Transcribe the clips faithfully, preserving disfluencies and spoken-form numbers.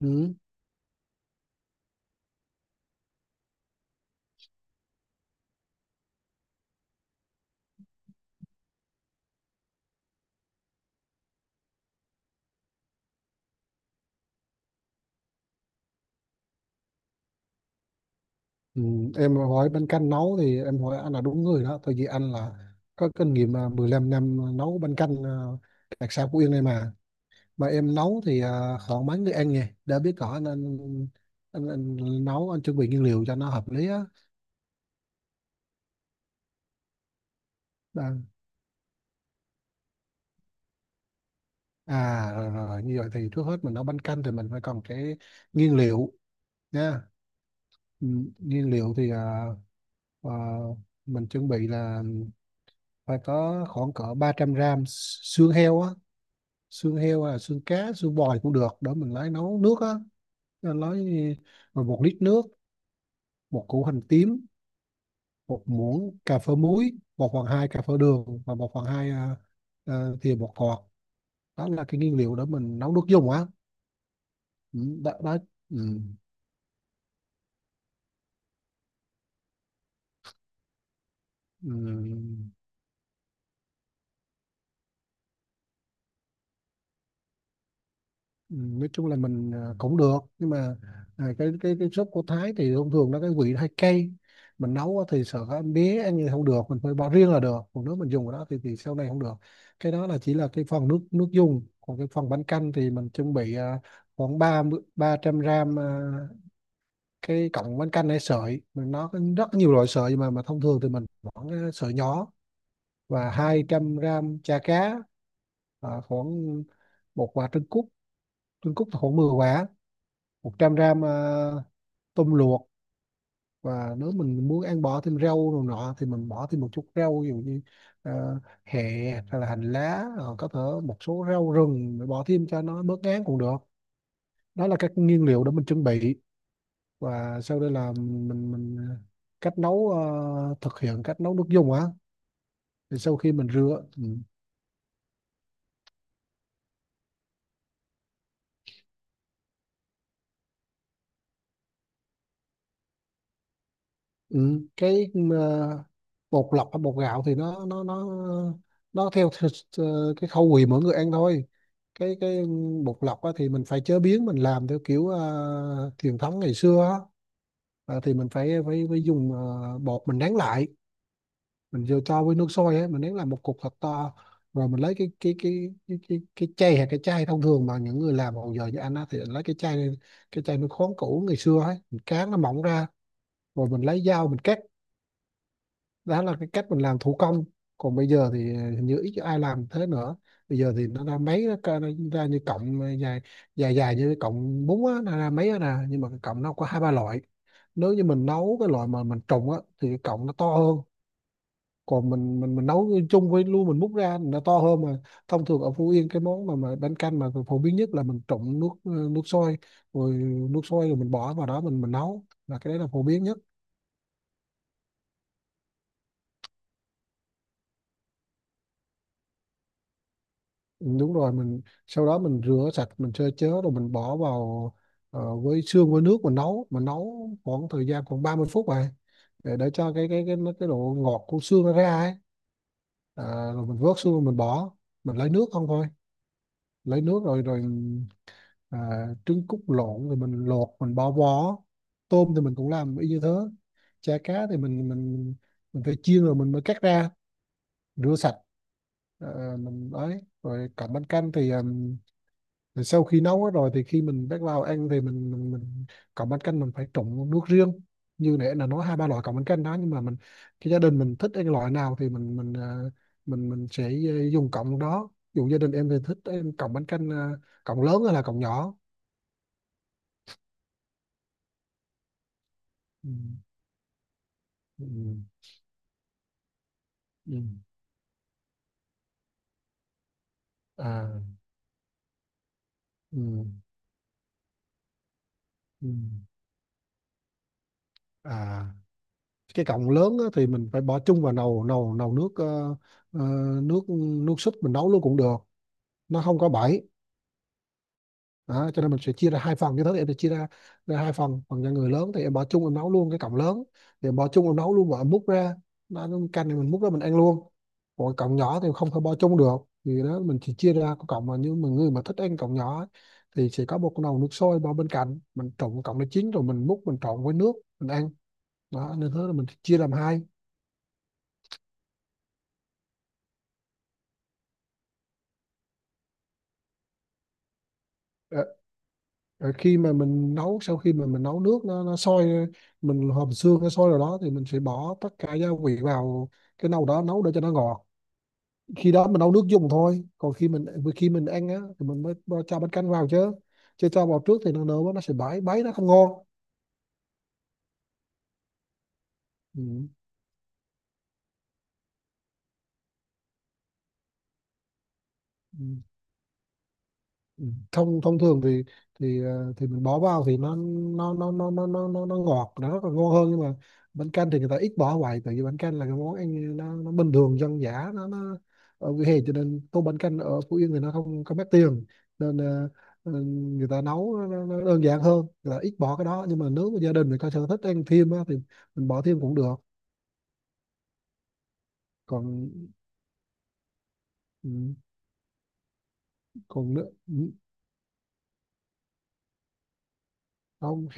Ừ. Ừ. Em hỏi bánh canh nấu thì em hỏi anh là đúng người đó, tại vì anh là có kinh nghiệm à, mười lăm năm nấu bánh canh à, đặc sản Phú Yên này mà mà em nấu thì à, khoảng mấy người ăn nhỉ, đã biết rõ anh anh, anh, anh nấu, anh chuẩn bị nguyên liệu cho nó hợp lý á. Đang- à rồi, rồi như vậy thì trước hết mình nấu bánh canh thì mình phải cần cái nguyên liệu nha. Ừ. Nguyên liệu thì à, à, mình chuẩn bị là phải có khoảng cỡ ba trăm gram xương heo á, xương heo hay là xương cá xương bò cũng được đó, mình lấy nấu nước á. Nên lấy rồi một lít nước, một củ hành tím, một muỗng cà phê muối, một phần hai cà phê đường, và một phần hai à, à, thìa bột ngọt. Đó là cái nguyên liệu để mình nấu nước dùng á. Ừ, đó, đó. Ừ. Ừ. Ừ, nói chung là mình à, cũng được, nhưng mà à, cái cái cái súp của Thái thì thông thường nó cái vị nó hay cay, mình nấu á thì sợ các em bé ăn như không được, mình phải bỏ riêng là được, còn nếu mình dùng cái đó thì thì sau này không được. Cái đó là chỉ là cái phần nước nước dùng, còn cái phần bánh canh thì mình chuẩn bị à, khoảng ba ba trăm gram à, cái cọng bánh canh hay sợi, mình nó có rất nhiều loại sợi, mà mà thông thường thì mình bỏ cái sợi nhỏ, và hai trăm gram chả cá, à, khoảng một quả trứng cút, trứng cút thì khoảng mười quả, một trăm gram ờ, tôm luộc. Và nếu mình muốn ăn bỏ thêm rau rồi nọ thì mình bỏ thêm một chút rau, ví dụ như ờ, hẹ hay là hành lá, ờ, có thể một số rau rừng để bỏ thêm cho nó bớt ngán cũng được. Đó là các nguyên liệu để mình chuẩn bị. Và sau đây là mình mình cách nấu, ờ, thực hiện cách nấu nước dùng á. Thì sau khi mình rửa, ừ. Ừ, cái ờ, bột lọc hay bột gạo thì nó nó nó nó theo, theo, cái khẩu vị mỗi người ăn thôi. Cái cái bột lọc á, thì mình phải chế biến, mình làm theo kiểu ờ, truyền thống ngày xưa á. Ờ, thì mình phải phải, phải dùng ờ, bột, mình nén lại, mình vô cho với nước sôi á, mình nén làm một cục thật to, rồi mình lấy cái cái cái cái cái, cái chai, hay cái chai thông thường mà những người làm hồi giờ như anh á thì lấy cái chai này, cái chai nước khoáng cũ ngày xưa ấy, mình cán nó mỏng ra, rồi mình lấy dao mình cắt. Đó là cái cách mình làm thủ công, còn bây giờ thì hình như ít ai làm thế nữa. Bây giờ thì nó ra máy, nó ca- nó ra như cọng dài, dài dài như cái cọng bún á, nó ra máy á nè, nhưng mà cái cọng nó có hai ba loại. Nếu như mình nấu cái loại mà mình trụng á thì cái cọng nó to hơn, còn mình mình mình nấu chung với luôn mình múc ra nó to hơn. Mà thông thường ở Phú Yên cái món mà mà bánh canh mà phổ biến nhất là mình trụng nước, nước sôi, rồi nước sôi rồi mình bỏ vào đó mình mình nấu, là cái đấy là phổ biến nhất. Đúng rồi, mình sau đó mình rửa sạch, mình sơ chế rồi mình bỏ vào, ờ, với xương với nước mình nấu, mình nấu khoảng thời gian khoảng ba mươi phút này, để, để cho cái cái cái cái độ ngọt của xương nó ra ấy. À, rồi mình vớt xương rồi mình bỏ, mình lấy nước không thôi, lấy nước rồi rồi à, trứng cút lộn rồi mình lột mình bỏ vỏ. Tôm thì mình cũng làm y như thế. Chả cá thì mình mình mình phải chiên rồi mình mới cắt ra, rửa sạch. Ờ, mình ấy rồi cặp bánh canh thì ờ, rồi sau khi nấu hết rồi thì khi mình bắt vào ăn thì mình mình, mình cọng bánh canh mình phải trộn nước riêng, như nãy là nói hai ba loại cọng bánh canh đó, nhưng mà mình, cái gia đình mình thích ăn loại nào thì mình mình ờ, mình mình sẽ ờ, dùng cọng đó. Ví dụ gia đình em thì thích em cộng bánh canh, ờ, cộng lớn hay là cọng nhỏ. Ừ. Ừ. Ừ. À. Ừ. Ừ. À cái cọng lớn á, thì mình phải bỏ chung vào nồi nồi nồi nước, ờ, ờ, nước, nước súp mình nấu luôn cũng được, nó không có bẫy. Đó, cho nên mình sẽ chia ra hai phần, như thế thì em sẽ chia ra, ra hai phần, phần cho người lớn thì em bỏ chung em nấu luôn cái cọng lớn, thì em bỏ chung em nấu luôn và em múc ra, nó nó canh thì mình múc ra mình ăn luôn. Còn cọng nhỏ thì không thể bỏ chung được, thì đó mình chỉ chia ra cái cọng mà như mà người mà thích ăn cọng nhỏ ấy, thì sẽ có một cái nồi nước sôi bỏ bên cạnh, mình trộn cọng nó chín rồi mình múc mình trộn với nước mình ăn. Đó nên thế là mình chia làm hai. Ờ, rồi khi mà mình nấu, sau khi mà mình nấu nước nó nó sôi, mình hầm xương nó sôi rồi đó thì mình sẽ bỏ tất cả gia vị vào cái nồi đó nấu để cho nó ngọt. Khi đó mình nấu nước dùng thôi, còn khi mình, khi mình ăn á thì mình mới bo- cho bánh canh vào chứ, chứ cho vào trước thì nó nở quá, nó sẽ bãi bấy nó không ngon. Ừ. Ừ. Ừ, thông thông thường thì thì ờ, thì mình bỏ vào thì nó nó nó nó nó nó nó, nó ngọt, nó còn ngon hơn. Nhưng mà bánh canh thì người ta ít bỏ hoài, tại vì bánh canh là cái món ăn nó, nó bình thường dân dã, nó nó ở vỉa hè, cho nên tô bánh canh ở Phú Yên thì nó không không mất tiền. Nên ờ, ờ, người ta nấu nó, nó nó đơn giản hơn, người ta ít bỏ cái đó, nhưng mà nếu mà gia đình mình có sở thích ăn thêm á, thì mình bỏ thêm cũng được. Còn ừ, còn nữa ừ, không,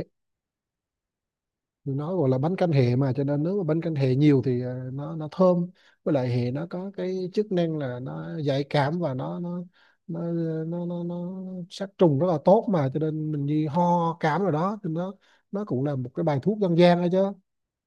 nó gọi là bánh canh hẹ mà, cho nên nếu mà bánh canh hẹ nhiều thì à, nó nó thơm. Với lại hẹ nó có cái chức năng là nó giải cảm, và nó nó nó nó nó, nó sát trùng rất là tốt mà, cho nên mình như ho cảm rồi đó, thì nó nó cũng là một cái bài thuốc dân gian đó chứ.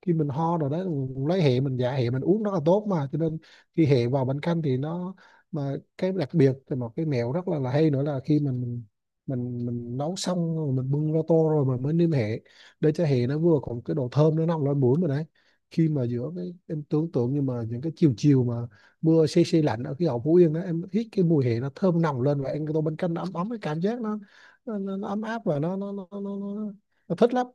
Khi mình ho rồi đấy, lấy hệ mình, dạ hệ mình uống rất là tốt mà, cho nên khi hệ vào bánh canh thì nó, mà cái đặc biệt thì một cái mẹo rất là, là hay nữa là khi mình mình mình mình nấu xong rồi, mình bưng ra tô rồi mình mới nêm hệ, để cho hệ nó vừa còn cái độ thơm nó nồng lên mũi mình đấy. Khi mà giữa cái em tưởng tượng như mà những cái chiều chiều mà mưa se se lạnh ở cái hậu Phú Yên đó, em hít cái mùi hệ nó thơm nồng lên và ăn cái tô bánh canh nó ấm, ấm cái cảm giác nó nó, nó, nó ấm áp, và nó nó, nó nó nó nó thích lắm.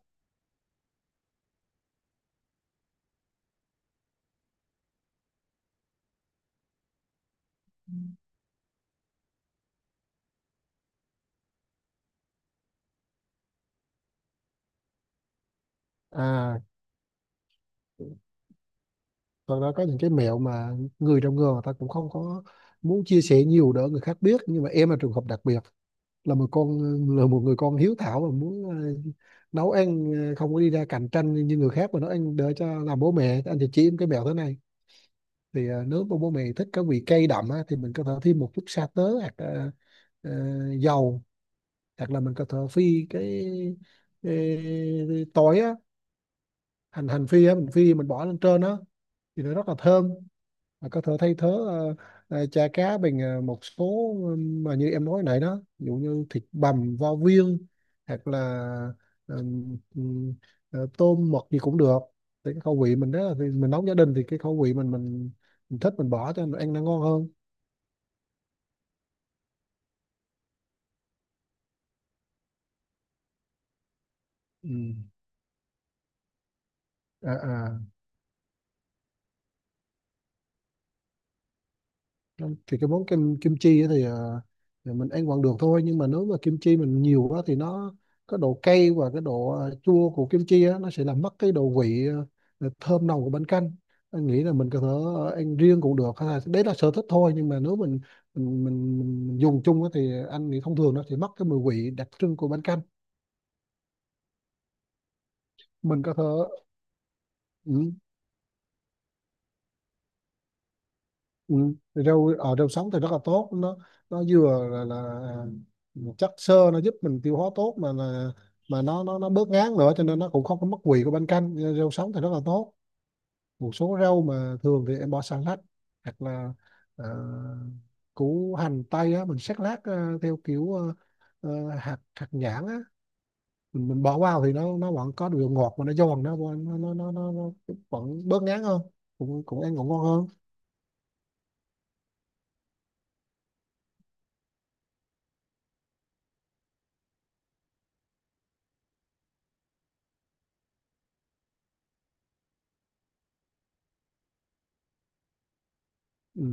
À thật ra có những cái mẹo mà người trong nghề người ta cũng không có muốn chia sẻ nhiều, đỡ người khác biết, nhưng mà em là trường hợp đặc biệt, là một con là một người con hiếu thảo, và muốn ờ, nấu ăn, ờ, không có đi ra cạnh tranh như người khác, mà nấu ăn để cho làm bố mẹ. Anh thì chỉ em cái mẹo thế này, thì ờ, nếu mà bố mẹ thích cái vị cay đậm á, thì mình có thể thêm một chút sa tớ, hoặc ờ, ờ, dầu, hoặc là mình có thể phi cái, cái, cái tỏi á, hành, hành phi á, mình phi mình bỏ lên trên á thì nó rất là thơm. Mà có thể thay thế ờ, ờ, chả cá bằng ờ, một số, ờ, mà như em nói nãy đó, ví dụ như thịt bằm vo viên, hoặc là ừm, ừm, ờ, tôm mực gì cũng được, thì cái khẩu vị mình đó là thì mình nấu gia đình thì cái khẩu vị mình mình, mình thích mình bỏ cho mình ăn nó ngon hơn. Ừm. À, à. Thì cái món kim kim chi á thì, ờ, thì mình ăn vẫn được thôi, nhưng mà nếu mà kim chi mình nhiều quá thì nó, cái độ cay và cái độ ờ, chua của kim chi á nó sẽ làm mất cái độ vị ờ, thơm nồng của bánh canh. Anh nghĩ là mình có thể ờ, ăn riêng cũng được, hay là đấy là sở thích thôi, nhưng mà nếu mình mình mình, mình, mình dùng chung á thì anh nghĩ thông thường nó sẽ mất cái mùi vị đặc trưng của bánh canh. Mình có thể. Ừ. Ừ. Thì rau ở rau sống thì rất là tốt, nó nó vừa là, là chất xơ nó giúp mình tiêu hóa tốt, mà là mà nó nó nó bớt ngán nữa, cho nên nó cũng không có mất vị của bánh canh. Ờ, rau sống thì rất là tốt. Một số rau mà thường thì em bỏ salad, hoặc là ờ, củ hành tây á mình sắc lát ờ, theo kiểu ờ, ờ, hạt hạt nhãn á, mình, mình bỏ vào thì nó nó vẫn có độ ngọt, mà nó giòn, nó nó nó nó, nó, nó vẫn bớt ngán hơn, cũng cũng ăn cũng ngon hơn. Ừ.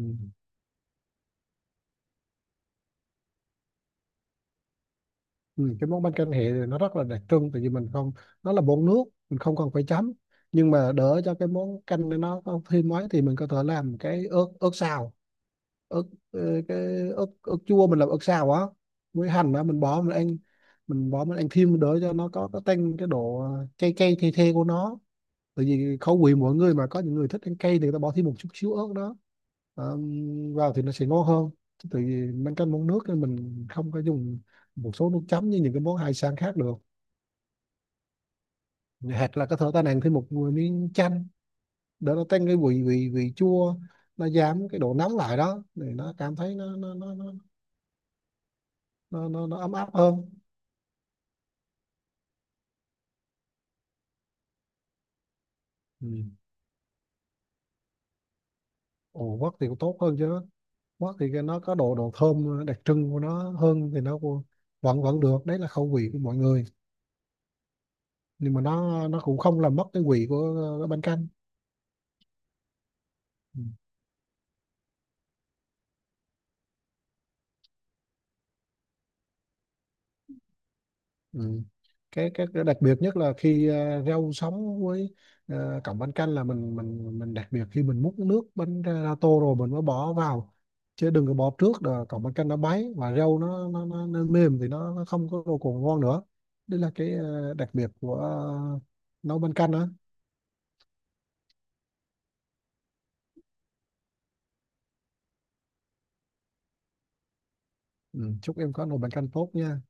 Ừ, cái món bánh canh hẹ thì nó rất là đặc trưng, tại vì mình không, nó là bột nước, mình không cần phải chấm. Nhưng mà đỡ cho cái món canh này nó không thêm mấy thì mình có thể làm cái ớt ớt xào, ớt, ờ, cái ớt ớt chua mình làm ớt xào á, với hành đó mình bỏ mình ăn, mình bỏ mình ăn thêm đỡ cho nó có cái tăng cái độ ờ, cay cay the the của nó. Tại vì khẩu vị mỗi người, mà có những người thích ăn cay thì người ta bỏ thêm một chút xíu ớt đó. Ờ, vào thì nó sẽ ngon hơn. Chứ tại vì bánh canh món nước thì mình không có dùng một số nước chấm như những cái món hải sản khác được. Hoặc là có thể ta nàng thêm một miếng chanh để nó tăng cái vị vị vị chua, nó giảm cái độ nóng lại đó, thì nó cảm thấy nó nó nó nó nó, nó, nó ấm áp hơn. Ừ. Ồ, quất thì cũng tốt hơn chứ. Quất thì cái nó có độ độ thơm đặc trưng của nó hơn, thì nó cũng vẫn vẫn được, đấy là khẩu vị của mọi người. Nhưng mà nó nó cũng không làm mất cái vị của ờ, bánh canh. Ừ. Ừ. Cái, cái cái đặc biệt nhất là khi ờ, rau sống với ờ, cọng bánh canh là mình mình mình đặc biệt khi mình múc nước bánh ra, ra tô rồi mình mới bỏ vào, chứ đừng có bỏ trước là cọng bánh canh nó báy và rau nó nó, nó, nó mềm, thì nó, nó không có đồ còn ngon nữa. Đây là cái ờ, đặc biệt của ờ, nấu bánh canh đó. Ừ. Chúc em có nồi bánh canh tốt nha.